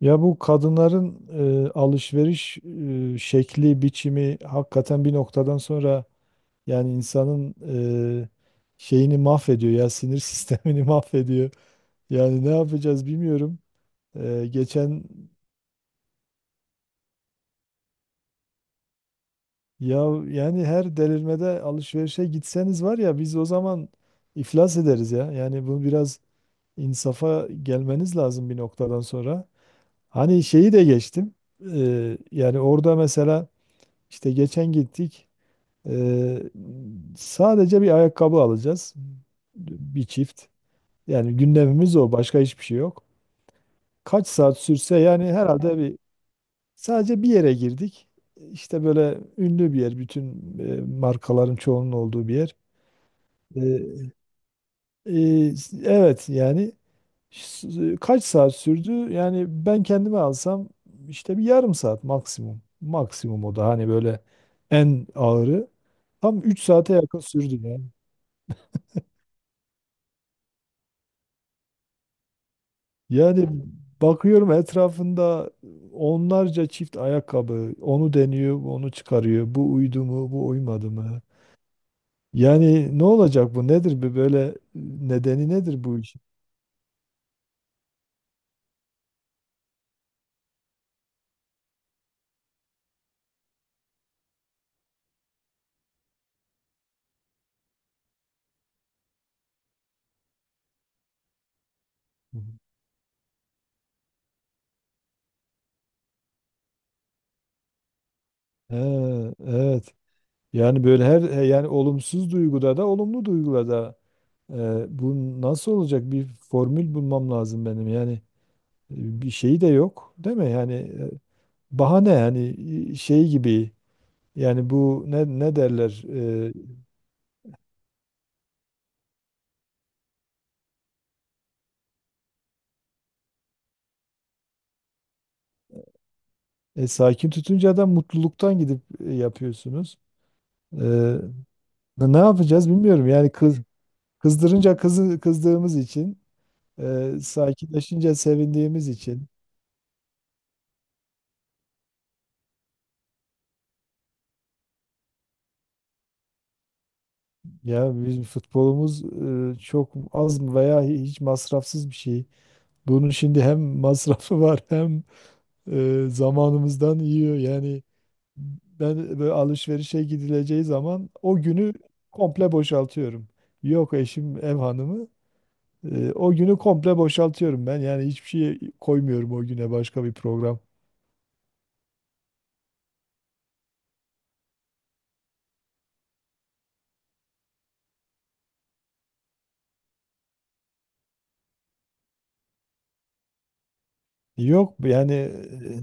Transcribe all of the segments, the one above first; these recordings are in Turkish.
Ya bu kadınların alışveriş şekli, biçimi hakikaten bir noktadan sonra yani insanın e, şeyini mahvediyor ya sinir sistemini mahvediyor. Yani ne yapacağız bilmiyorum. E, geçen ya yani her delirmede alışverişe gitseniz var ya biz o zaman iflas ederiz ya. Yani bu biraz insafa gelmeniz lazım bir noktadan sonra. Hani şeyi de geçtim. Yani orada mesela işte geçen gittik. Ee, Sadece bir ayakkabı alacağız. Bir çift. Yani gündemimiz o. Başka hiçbir şey yok. Kaç saat sürse yani herhalde bir sadece bir yere girdik. İşte böyle ünlü bir yer. Bütün markaların çoğunun olduğu bir yer. Ee, e, evet yani kaç saat sürdü? Yani ben kendime alsam işte bir yarım saat maksimum. Maksimum o da hani böyle en ağırı. Tam 3 saate yakın sürdü ya. Yani bakıyorum etrafında onlarca çift ayakkabı. Onu deniyor, onu çıkarıyor. Bu uydu mu, bu uymadı mı? Yani ne olacak bu? Nedir bu böyle nedeni nedir bu işin? Hı hı. He, evet. Yani böyle her yani olumsuz duyguda da olumlu duyguda da bu nasıl olacak? Bir formül bulmam lazım benim. Yani bir şeyi de yok, değil mi? Yani bahane yani şey gibi yani bu ne ne derler? Sakin tutunca da mutluluktan gidip yapıyorsunuz. E, Ne ne yapacağız bilmiyorum. Yani kız kızdırınca kızı kızdığımız için, sakinleşince sevindiğimiz için. Ya bizim futbolumuz çok az mı veya hiç masrafsız bir şey. Bunun şimdi hem masrafı var hem zamanımızdan yiyor. Yani ben böyle alışverişe gidileceği zaman o günü komple boşaltıyorum. Yok eşim ev hanımı. O günü komple boşaltıyorum ben. Yani hiçbir şey koymuyorum o güne başka bir program. Yok yani e,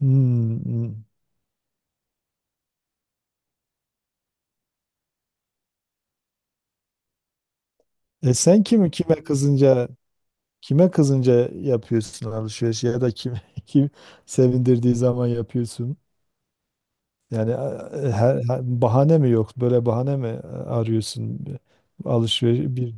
Hmm, hmm. E sen kim kime kızınca kime kızınca yapıyorsun alışveriş ya da kim kim sevindirdiği zaman yapıyorsun? Yani her, bahane mi yok? Böyle bahane mi arıyorsun alışveriş bir.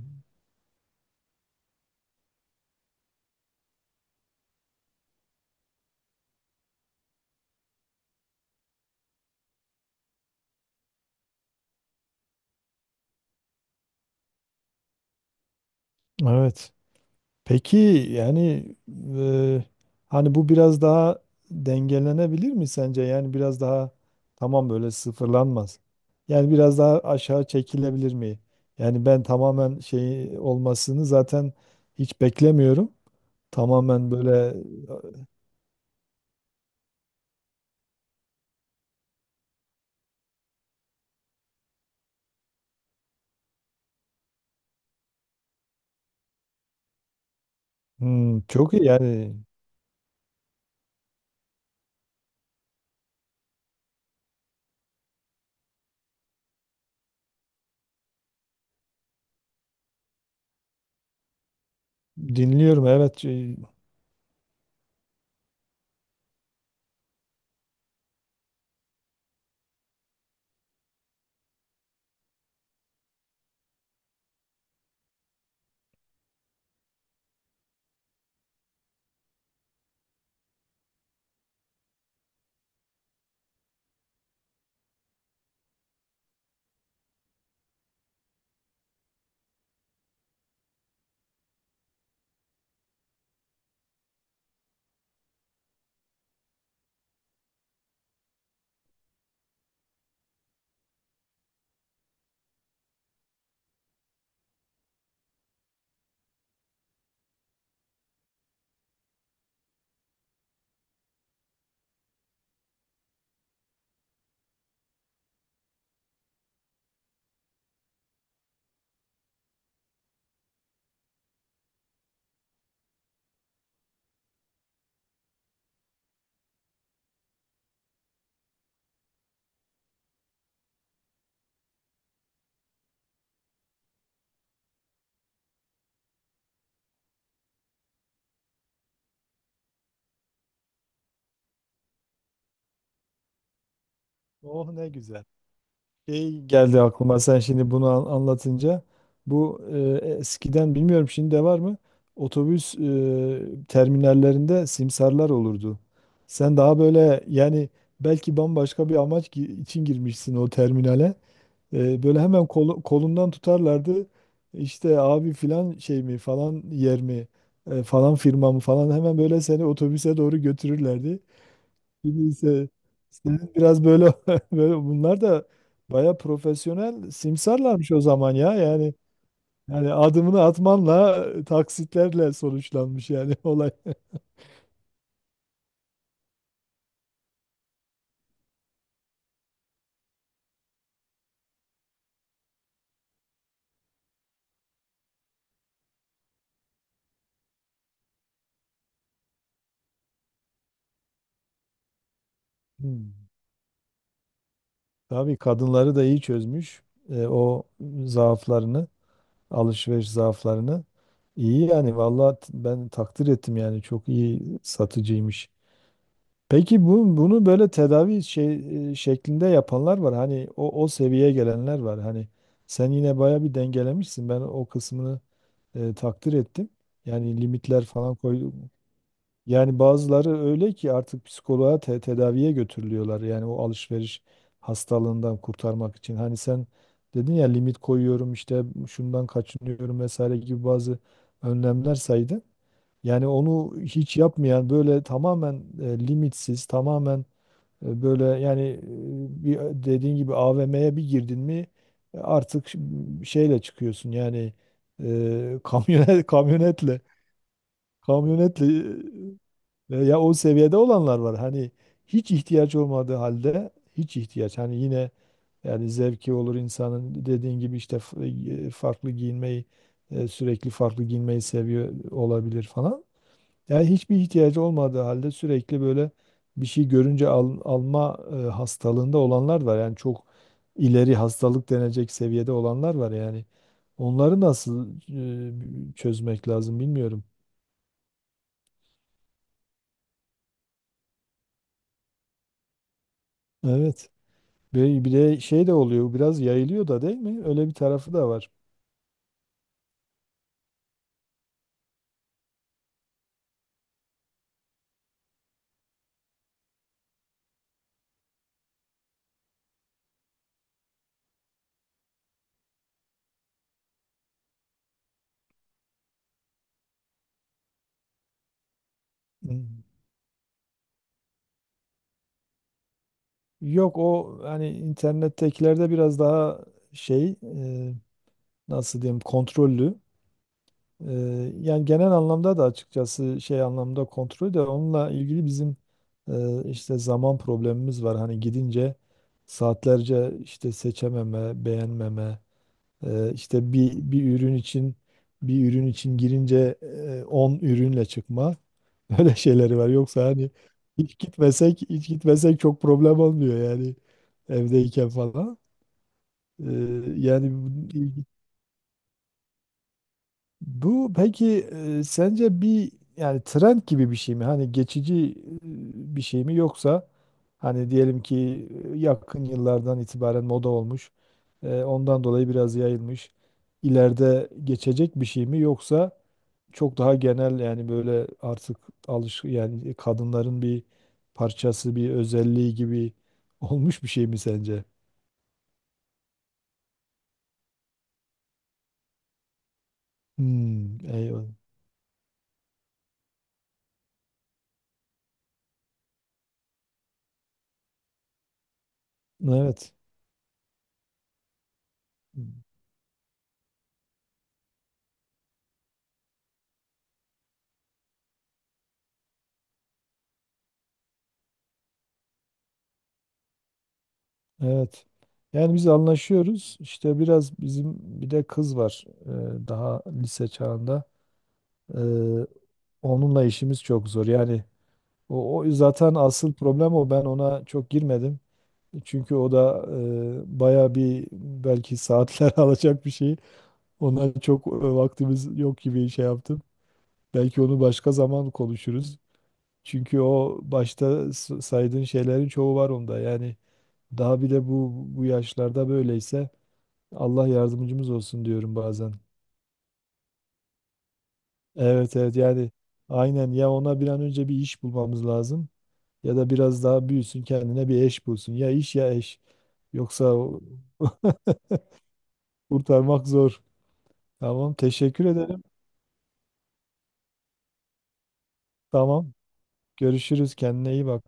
Evet. Peki yani e, hani bu biraz daha dengelenebilir mi sence? Yani biraz daha tamam böyle sıfırlanmaz. Yani biraz daha aşağı çekilebilir mi? Yani ben tamamen şey olmasını zaten hiç beklemiyorum. Tamamen böyle hmm, çok iyi yani dinliyorum evet. Oh ne güzel. Şey geldi aklıma sen şimdi bunu anlatınca. Bu eskiden bilmiyorum şimdi de var mı? Otobüs terminallerinde simsarlar olurdu. Sen daha böyle yani belki bambaşka bir amaç için girmişsin o terminale. Böyle hemen kolundan tutarlardı. İşte abi filan şey mi falan yer mi falan firma mı falan hemen böyle seni otobüse doğru götürürlerdi. Şimdi ise senin biraz böyle böyle bunlar da baya profesyonel simsarlarmış o zaman ya. Yani yani adımını atmanla taksitlerle sonuçlanmış yani olay. Hmm. Tabii kadınları da iyi çözmüş o zaaflarını. Alışveriş zaaflarını. İyi yani vallahi ben takdir ettim yani çok iyi satıcıymış. Peki bu bunu böyle tedavi şey şeklinde yapanlar var. Hani o o seviyeye gelenler var. Hani sen yine baya bir dengelemişsin. Ben o kısmını takdir ettim. Yani limitler falan koy, yani bazıları öyle ki artık psikoloğa tedaviye götürülüyorlar. Yani o alışveriş hastalığından kurtarmak için. Hani sen dedin ya limit koyuyorum işte şundan kaçınıyorum vesaire gibi bazı önlemler saydın. Yani onu hiç yapmayan böyle tamamen limitsiz, tamamen böyle yani bir dediğin gibi AVM'ye bir girdin mi artık şeyle çıkıyorsun. Yani kamyonet kamyonetle e, ya o seviyede olanlar var. Hani hiç ihtiyaç olmadığı halde hiç ihtiyaç. Hani yine yani zevki olur insanın dediğin gibi işte farklı giyinmeyi sürekli farklı giyinmeyi seviyor olabilir falan. Yani hiçbir ihtiyacı olmadığı halde sürekli böyle bir şey görünce alma hastalığında olanlar var. Yani çok ileri hastalık denecek seviyede olanlar var yani. Onları nasıl çözmek lazım bilmiyorum. Evet. Ve bir de şey de oluyor biraz yayılıyor da değil mi? Öyle bir tarafı da var. Hmm. Yok o hani internettekilerde biraz daha şey nasıl diyeyim kontrollü. E, Yani genel anlamda da açıkçası şey anlamda kontrol de onunla ilgili bizim işte zaman problemimiz var. Hani gidince saatlerce işte seçememe, beğenmeme. İşte bir ürün için bir ürün için girince 10 ürünle çıkma. Öyle şeyleri var. Yoksa hani hiç gitmesek çok problem olmuyor yani evdeyken falan. Ee, Yani bu peki sence bir yani trend gibi bir şey mi? Hani geçici bir şey mi yoksa hani diyelim ki yakın yıllardan itibaren moda olmuş, ondan dolayı biraz yayılmış. İleride geçecek bir şey mi yoksa çok daha genel yani böyle artık alış yani kadınların bir parçası, bir özelliği gibi olmuş bir şey mi sence? Hmm, eyvallah. Evet. Hmm. Evet. Yani biz anlaşıyoruz. İşte biraz bizim bir de kız var daha lise çağında. E, Onunla işimiz çok zor. Yani o, o zaten asıl problem o. Ben ona çok girmedim. Çünkü o da baya bir belki saatler alacak bir şey. Ona çok vaktimiz yok gibi şey yaptım. Belki onu başka zaman konuşuruz. Çünkü o başta saydığın şeylerin çoğu var onda. Yani daha bir de bu yaşlarda böyleyse. Allah yardımcımız olsun diyorum bazen. Evet evet yani aynen ya ona bir an önce bir iş bulmamız lazım ya da biraz daha büyüsün kendine bir eş bulsun. Ya iş ya eş. Yoksa kurtarmak zor. Tamam teşekkür ederim. Tamam görüşürüz kendine iyi bak.